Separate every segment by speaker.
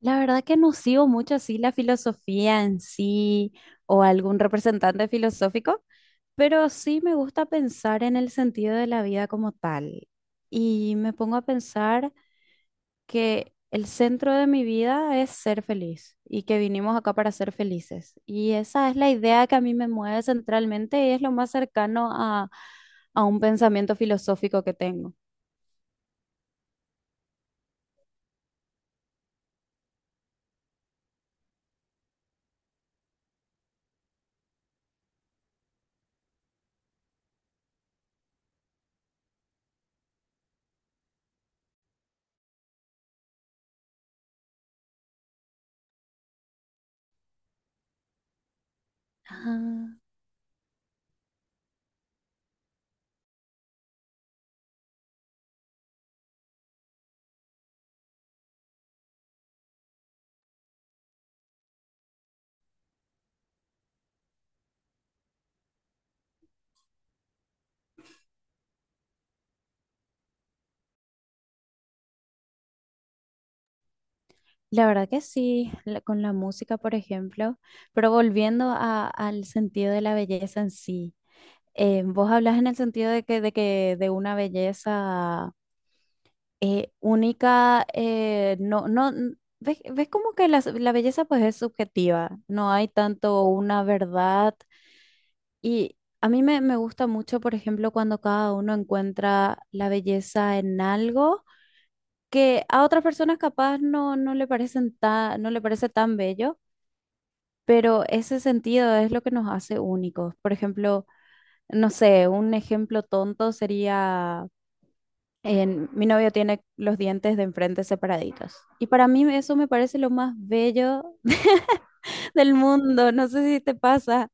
Speaker 1: La verdad que no sigo mucho así la filosofía en sí o algún representante filosófico, pero sí me gusta pensar en el sentido de la vida como tal. Y me pongo a pensar que el centro de mi vida es ser feliz y que vinimos acá para ser felices. Y esa es la idea que a mí me mueve centralmente y es lo más cercano a un pensamiento filosófico que tengo. Ah, la verdad que sí, con la música, por ejemplo, pero volviendo al sentido de la belleza en sí, vos hablas en el sentido de de una belleza única, no, no, n- ves, ves como que la belleza pues es subjetiva, no hay tanto una verdad. Y a mí me gusta mucho, por ejemplo, cuando cada uno encuentra la belleza en algo que a otras personas capaz no le parece tan bello. Pero ese sentido es lo que nos hace únicos. Por ejemplo, no sé, un ejemplo tonto sería, en, mi novio tiene los dientes de enfrente separaditos. Y para mí eso me parece lo más bello del mundo. No sé si te pasa.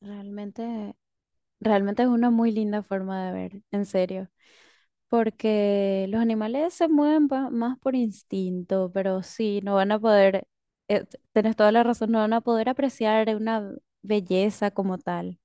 Speaker 1: Realmente Realmente es una muy linda forma de ver, en serio, porque los animales se mueven más por instinto, pero sí, no van a poder, tenés toda la razón, no van a poder apreciar una belleza como tal.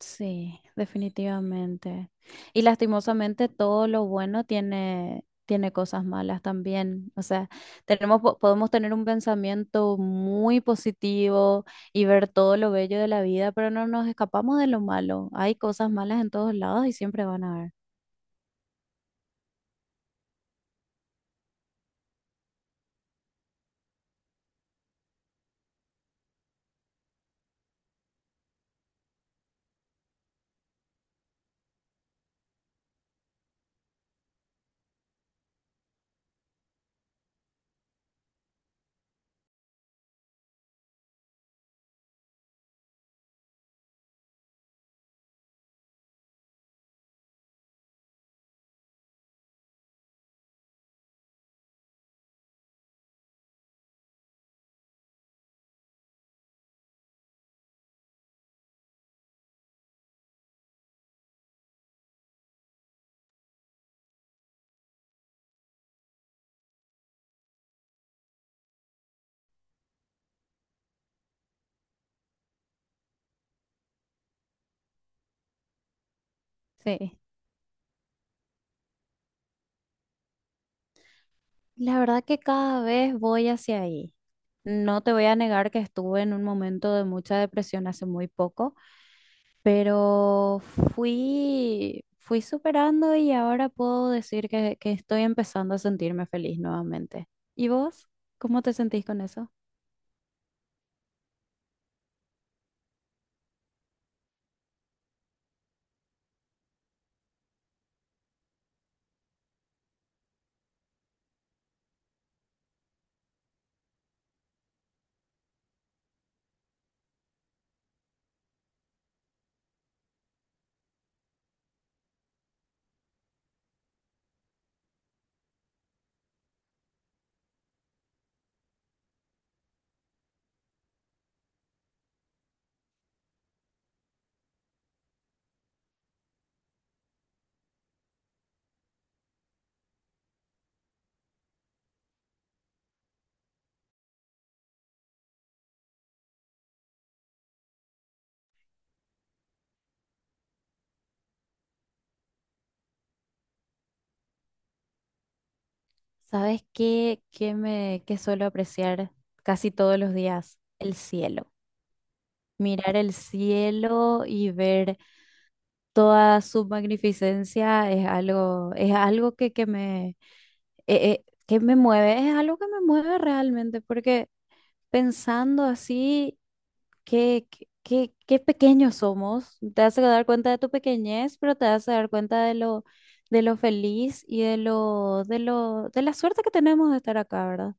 Speaker 1: Sí, definitivamente. Y lastimosamente todo lo bueno tiene, tiene cosas malas también. O sea, tenemos, podemos tener un pensamiento muy positivo y ver todo lo bello de la vida, pero no nos escapamos de lo malo. Hay cosas malas en todos lados y siempre van a haber. Sí, la verdad que cada vez voy hacia ahí. No te voy a negar que estuve en un momento de mucha depresión hace muy poco, pero fui superando y ahora puedo decir que estoy empezando a sentirme feliz nuevamente. ¿Y vos? ¿Cómo te sentís con eso? ¿Sabes qué suelo apreciar casi todos los días? El cielo. Mirar el cielo y ver toda su magnificencia es algo que me mueve, es algo que me mueve realmente, porque pensando así. Qué pequeños somos. Te vas a dar cuenta de tu pequeñez, pero te vas a dar cuenta de lo feliz y de lo, de lo, de la suerte que tenemos de estar acá, ¿verdad?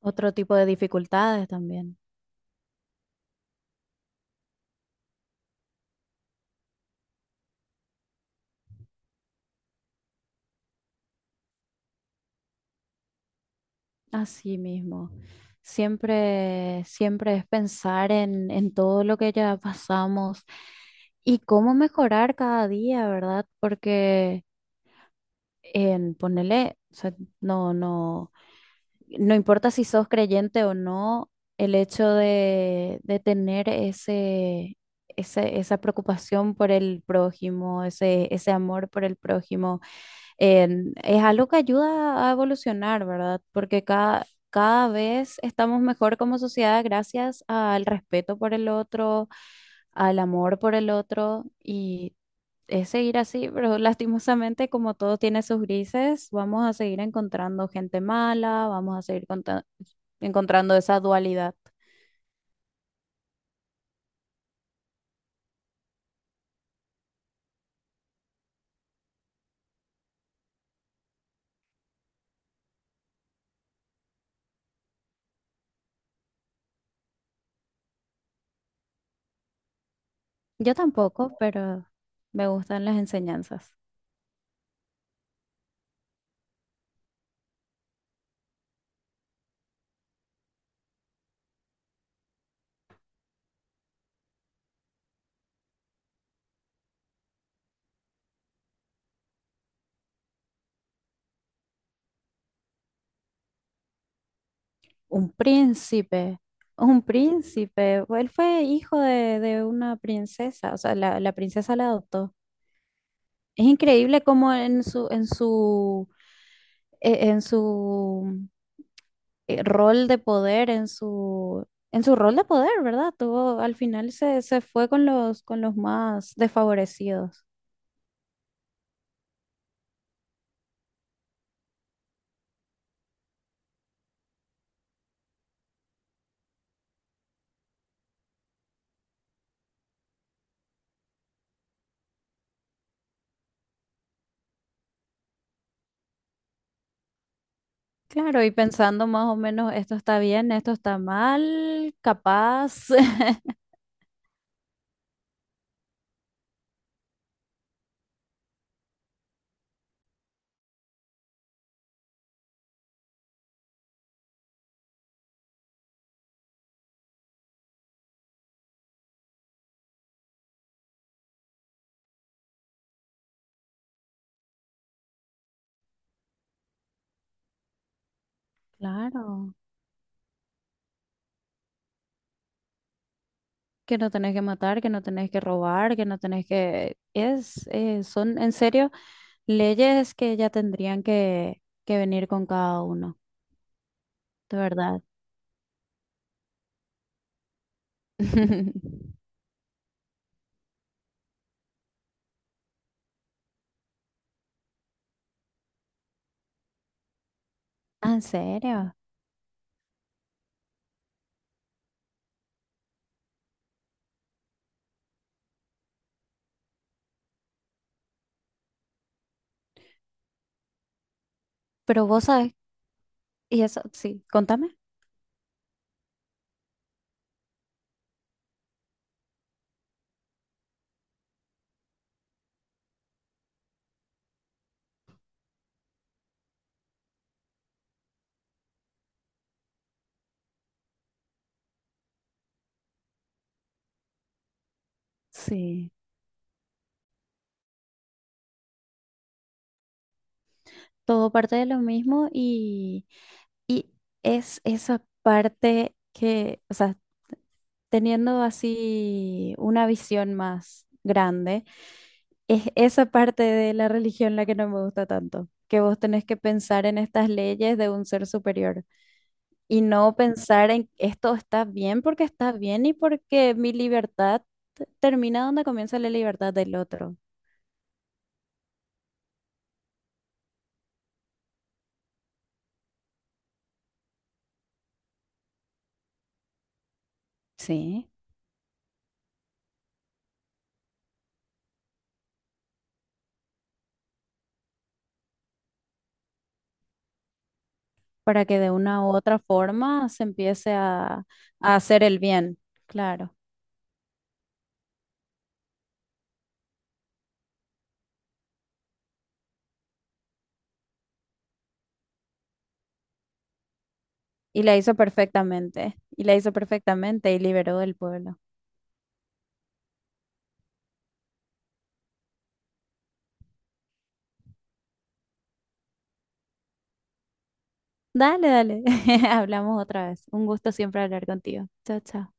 Speaker 1: Otro tipo de dificultades también. Así mismo. Siempre, siempre es pensar en todo lo que ya pasamos y cómo mejorar cada día, ¿verdad? Porque en ponerle, no, no, no importa si sos creyente o no, el hecho de tener ese, esa preocupación por el prójimo, ese amor por el prójimo, es algo que ayuda a evolucionar, ¿verdad? Porque cada, cada vez estamos mejor como sociedad gracias al respeto por el otro, al amor por el otro y es seguir así, pero lastimosamente como todo tiene sus grises, vamos a seguir encontrando gente mala, vamos a seguir encontrando esa dualidad. Yo tampoco, pero me gustan las enseñanzas. Un príncipe, un príncipe, él fue hijo de una princesa, o sea, la princesa la adoptó. Es increíble cómo en su, e- en su rol de poder en su rol de poder, ¿verdad? Tuvo, al final se, se fue con los más desfavorecidos. Claro, y pensando más o menos, esto está bien, esto está mal, capaz. Claro, que no tenés que matar, que no tenés que robar, que no tenés que... Es, son en serio leyes que ya tendrían que venir con cada uno, de verdad. Ah, ¿en serio? Pero vos sabés, y eso, sí, contame. Sí, todo parte de lo mismo y es esa parte que, o sea, teniendo así una visión más grande, es esa parte de la religión la que no me gusta tanto, que vos tenés que pensar en estas leyes de un ser superior y no pensar en esto está bien porque está bien y porque mi libertad termina donde comienza la libertad del otro. Sí, para que de una u otra forma se empiece a hacer el bien, claro. Y la hizo perfectamente, y la hizo perfectamente y liberó el pueblo. Dale, dale, hablamos otra vez. Un gusto siempre hablar contigo. Chao, chao.